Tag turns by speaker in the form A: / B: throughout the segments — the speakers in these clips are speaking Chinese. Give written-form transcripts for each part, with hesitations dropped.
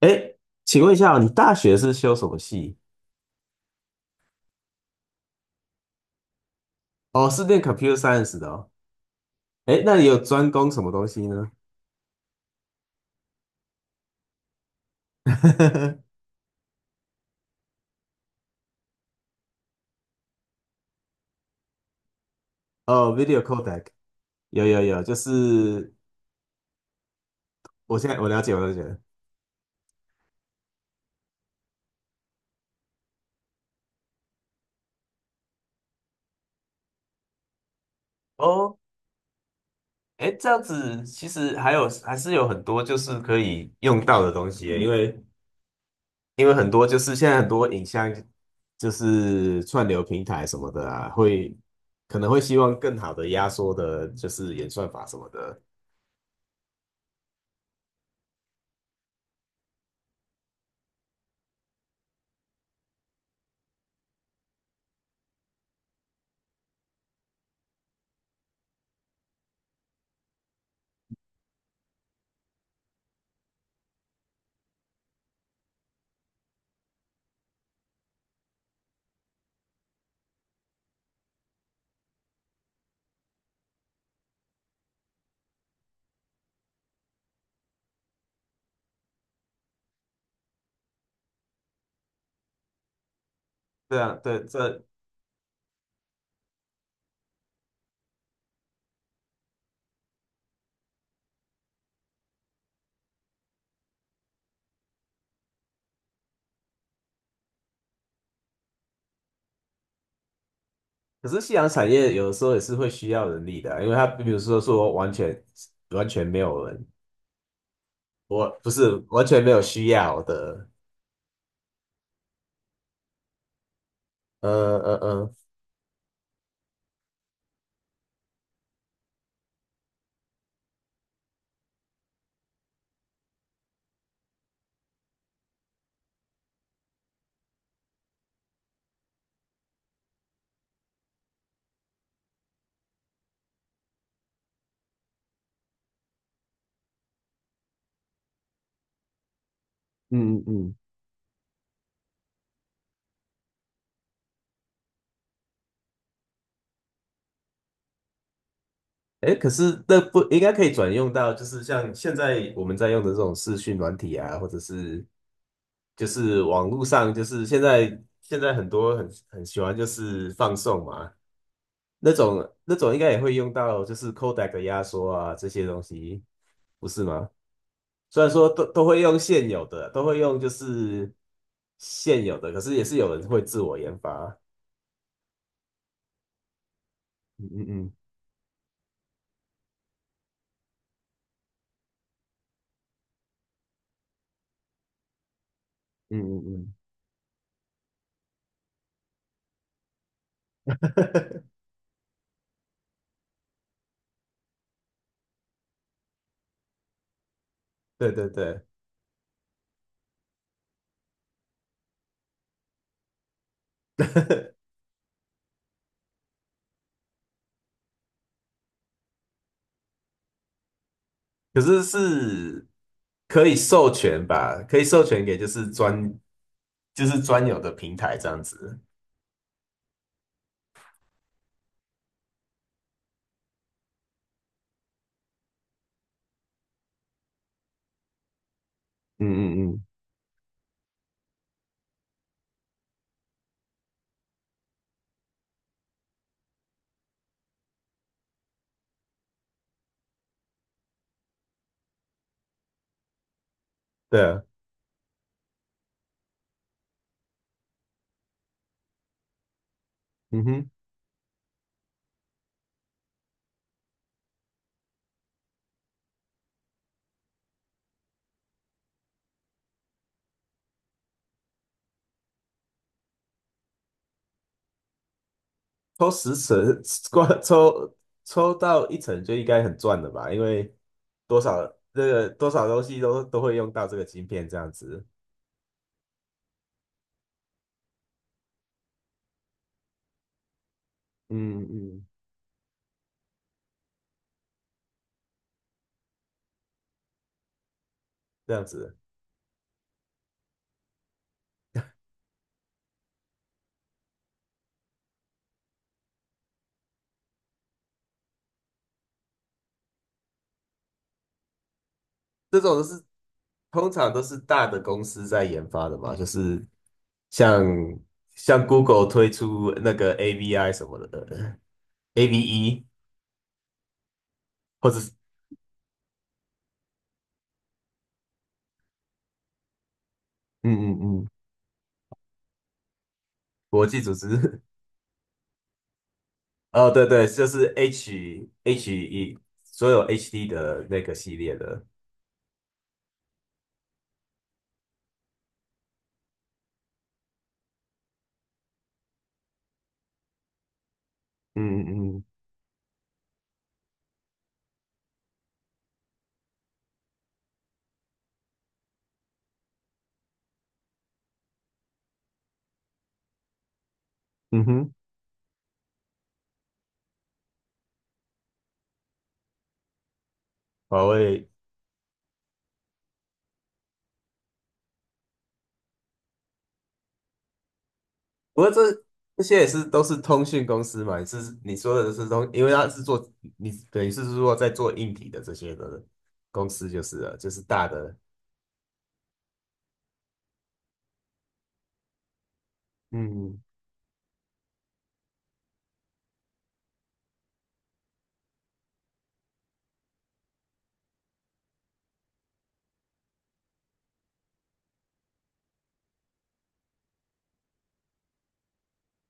A: 哎，请问一下哦你大学是修什么系？哦，是念 computer science 的哦。哎，那你有专攻什么东西呢？哦，video codec，有有有，就是我了解。哦，哎，这样子其实还是有很多就是可以用到的东西耶因为很多就是现在很多影像就是串流平台什么的啊，可能会希望更好的压缩的，就是演算法什么的。对啊，对，这可是夕阳产业有的时候也是会需要人力的啊因为它比如说完全没有人，我不是完全没有需要的，呃呃呃，嗯嗯嗯，哎，可是那不应该可以转用到，就是像现在我们在用的这种视讯软体啊，或者是就是网络上，就是现在很多很喜欢就是放送嘛，那种应该也会用到，就是 codec 的压缩啊这些东西，不是吗？虽然说都会用现有的，都会用就是现有的，可是也是有人会自我研发。嗯嗯嗯嗯嗯嗯，对对对，可是是可以授权吧？可以授权给就是就是专有的平台这样子。嗯嗯嗯，对啊，嗯哼。抽10层，光抽到一层就应该很赚了吧？因为多少多少东西都会用到这个晶片，这样子，嗯嗯，这样子，这种通常都是大的公司在研发的嘛，就是像像 Google 推出那个 AVI 什么的，AVE 或者是嗯嗯嗯，国际组织，哦，对对，就是 H HE 所有 HD 的那个系列的。嗯嗯嗯嗯哼。华为，不过这些都是通讯公司嘛，是你说的是通，因为它是做你等于是说在做硬体的这些的公司就是了，就是大的，嗯，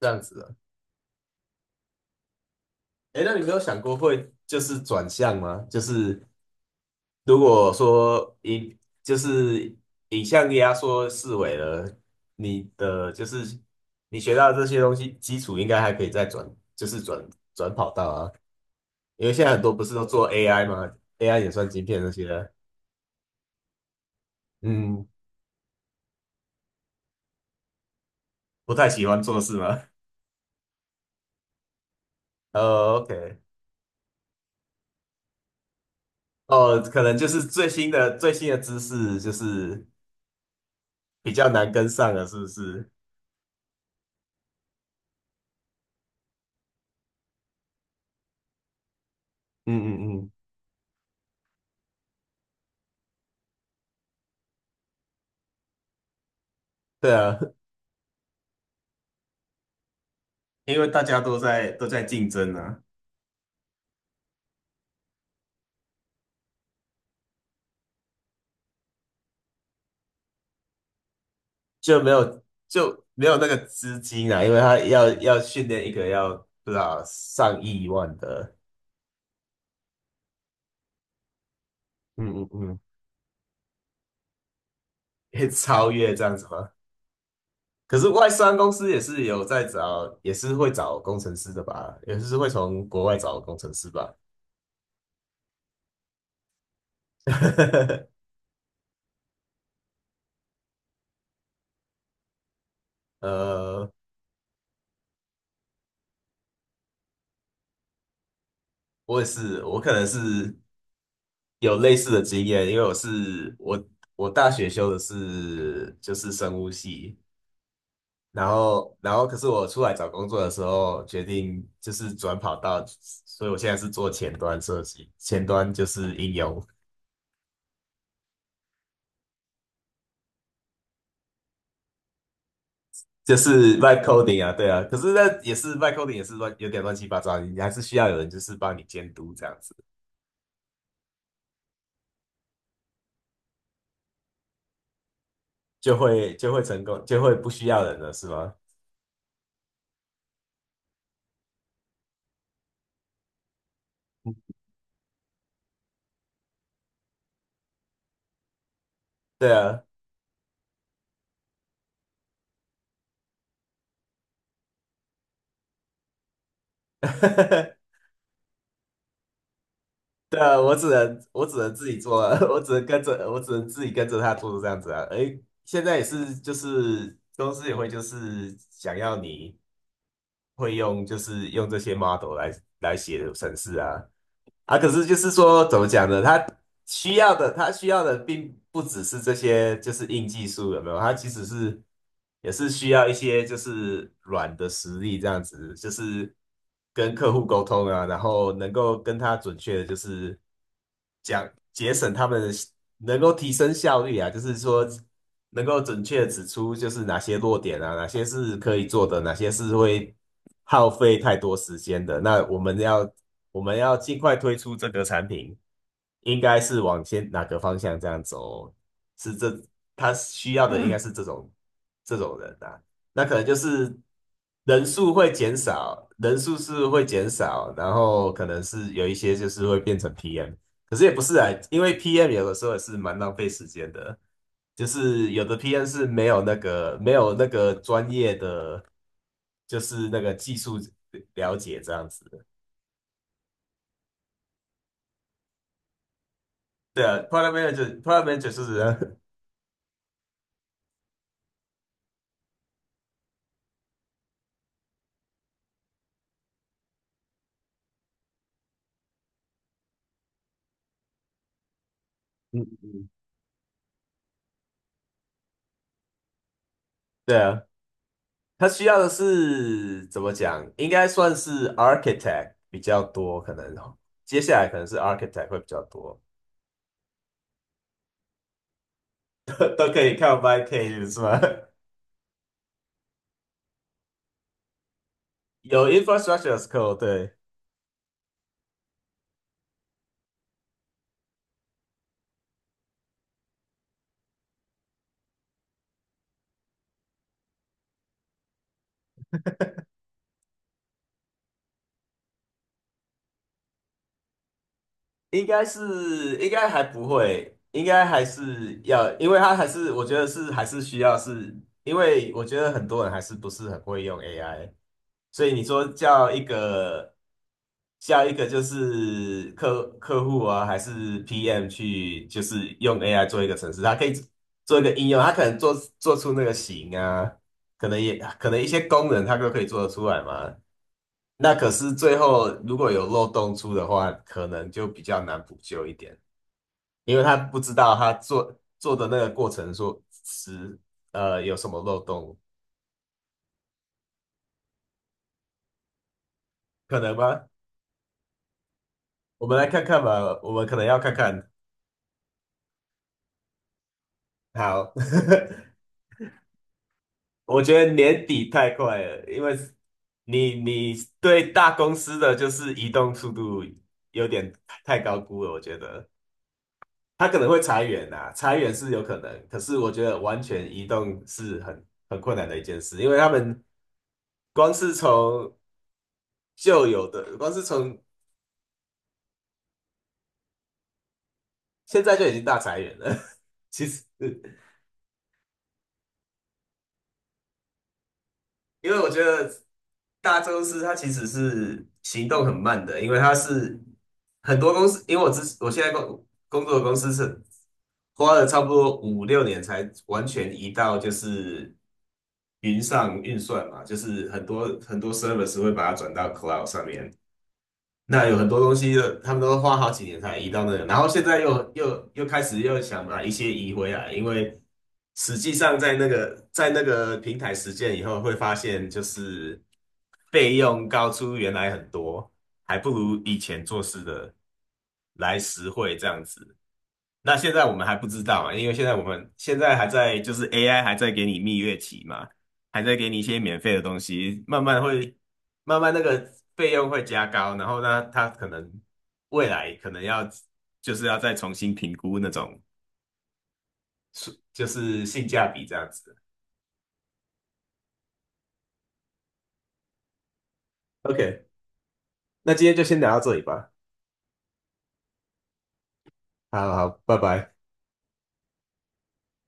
A: 这样子了。哎，那你没有想过会就是转向吗？就是如果说影就是影像压缩四维了，你的就是你学到这些东西基础应该还可以再转，就是转跑道啊。因为现在很多不是都做 AI 吗？AI 也算晶片那些，嗯，不太喜欢做事吗？OK,哦，可能就是最新的知识就是比较难跟上了，是不是？嗯嗯嗯，对啊，因为大家都在竞争啊，就没有就没有那个资金啊，因为他要训练一个要不知道上亿万的，嗯嗯嗯，可以超越这样子吗？可是外商公司也是有在找，也是会找工程师的吧？也是会从国外找工程师吧？呃，我也是，我可能是有类似的经验，因为我是我我大学修的是就是生物系，然后可是我出来找工作的时候决定就是转跑道，所以我现在是做前端设计，前端就是应用。就是 vibe coding 啊，对啊，可是那也是 vibe coding 也是乱，有点乱七八糟，你还是需要有人就是帮你监督这样子，就会成功，就会不需要人了，是吗？对啊，对啊，我只能自己做啊，我只能自己跟着他做这样子啊。诶，现在也是就是公司也会就是想要你会用就是用这些 model 来写程式啊，啊，可是就是说，怎么讲呢？他需要的，他需要的并不只是这些，就是硬技术，有没有？他其实是也是需要一些就是软的实力，这样子，就是跟客户沟通啊，然后能够跟他准确的，就是讲节省他们能够提升效率啊，就是说能够准确地指出就是哪些弱点啊，哪些是可以做的，哪些是会耗费太多时间的。那我们要尽快推出这个产品，应该是往先哪个方向这样走？是这他需要的应该是这种人啊。那可能就是人数会减少，人数是会减少，然后可能是有一些就是会变成 PM,可是也不是啊，因为 PM 有的时候也是蛮浪费时间的，就是有的 PM 是没有那个专业的，就是那个技术了解这样子。的。对啊，Product Manager，Product Manager 就是 嗯嗯，对啊，他需要的是怎么讲？应该算是 Architect 比较多，可能哦接下来可能是 Architect 会比较多，都可以看 YK 是吗？有 Infrastructure as Code,对。应该还不会，应该还是要，因为他还是我觉得是还是需要是，因为我觉得很多人还是不是很会用 AI,所以你说叫一个就是客户啊，还是 PM 去就是用 AI 做一个程式，他可以做一个应用，他可能做出那个型啊，可能也可能一些功能他都可以做得出来嘛。那可是最后如果有漏洞出的话，可能就比较难补救一点。因为他不知道他做的那个过程说是有什么漏洞，可能吗？我们来看看吧，我们可能要看看。好，我觉得年底太快了，因为你对大公司的就是移动速度有点太高估了，我觉得他可能会裁员啊，裁员是有可能，可是我觉得完全移动是很困难的一件事，因为他们光是从旧有的，光是从现在就已经大裁员了。其实，因为我觉得大公司它其实是行动很慢的，因为它是很多公司，因为我现在工作的公司是花了差不多5、6年才完全移到就是云上运算嘛，就是很多很多 service 会把它转到 cloud 上面，那有很多东西的，他们都花好几年才移到那个，然后现在又开始又想把一些移回来，因为实际上在那个平台实践以后，会发现就是费用高出原来很多，还不如以前做事的来实惠这样子。那现在我们还不知道嘛，因为现在我们还在就是 AI 还在给你蜜月期嘛，还在给你一些免费的东西，慢慢那个费用会加高，然后呢，他可能未来可能要就是要再重新评估那种就是性价比这样子。OK,那今天就先聊到这里吧。好好，拜拜。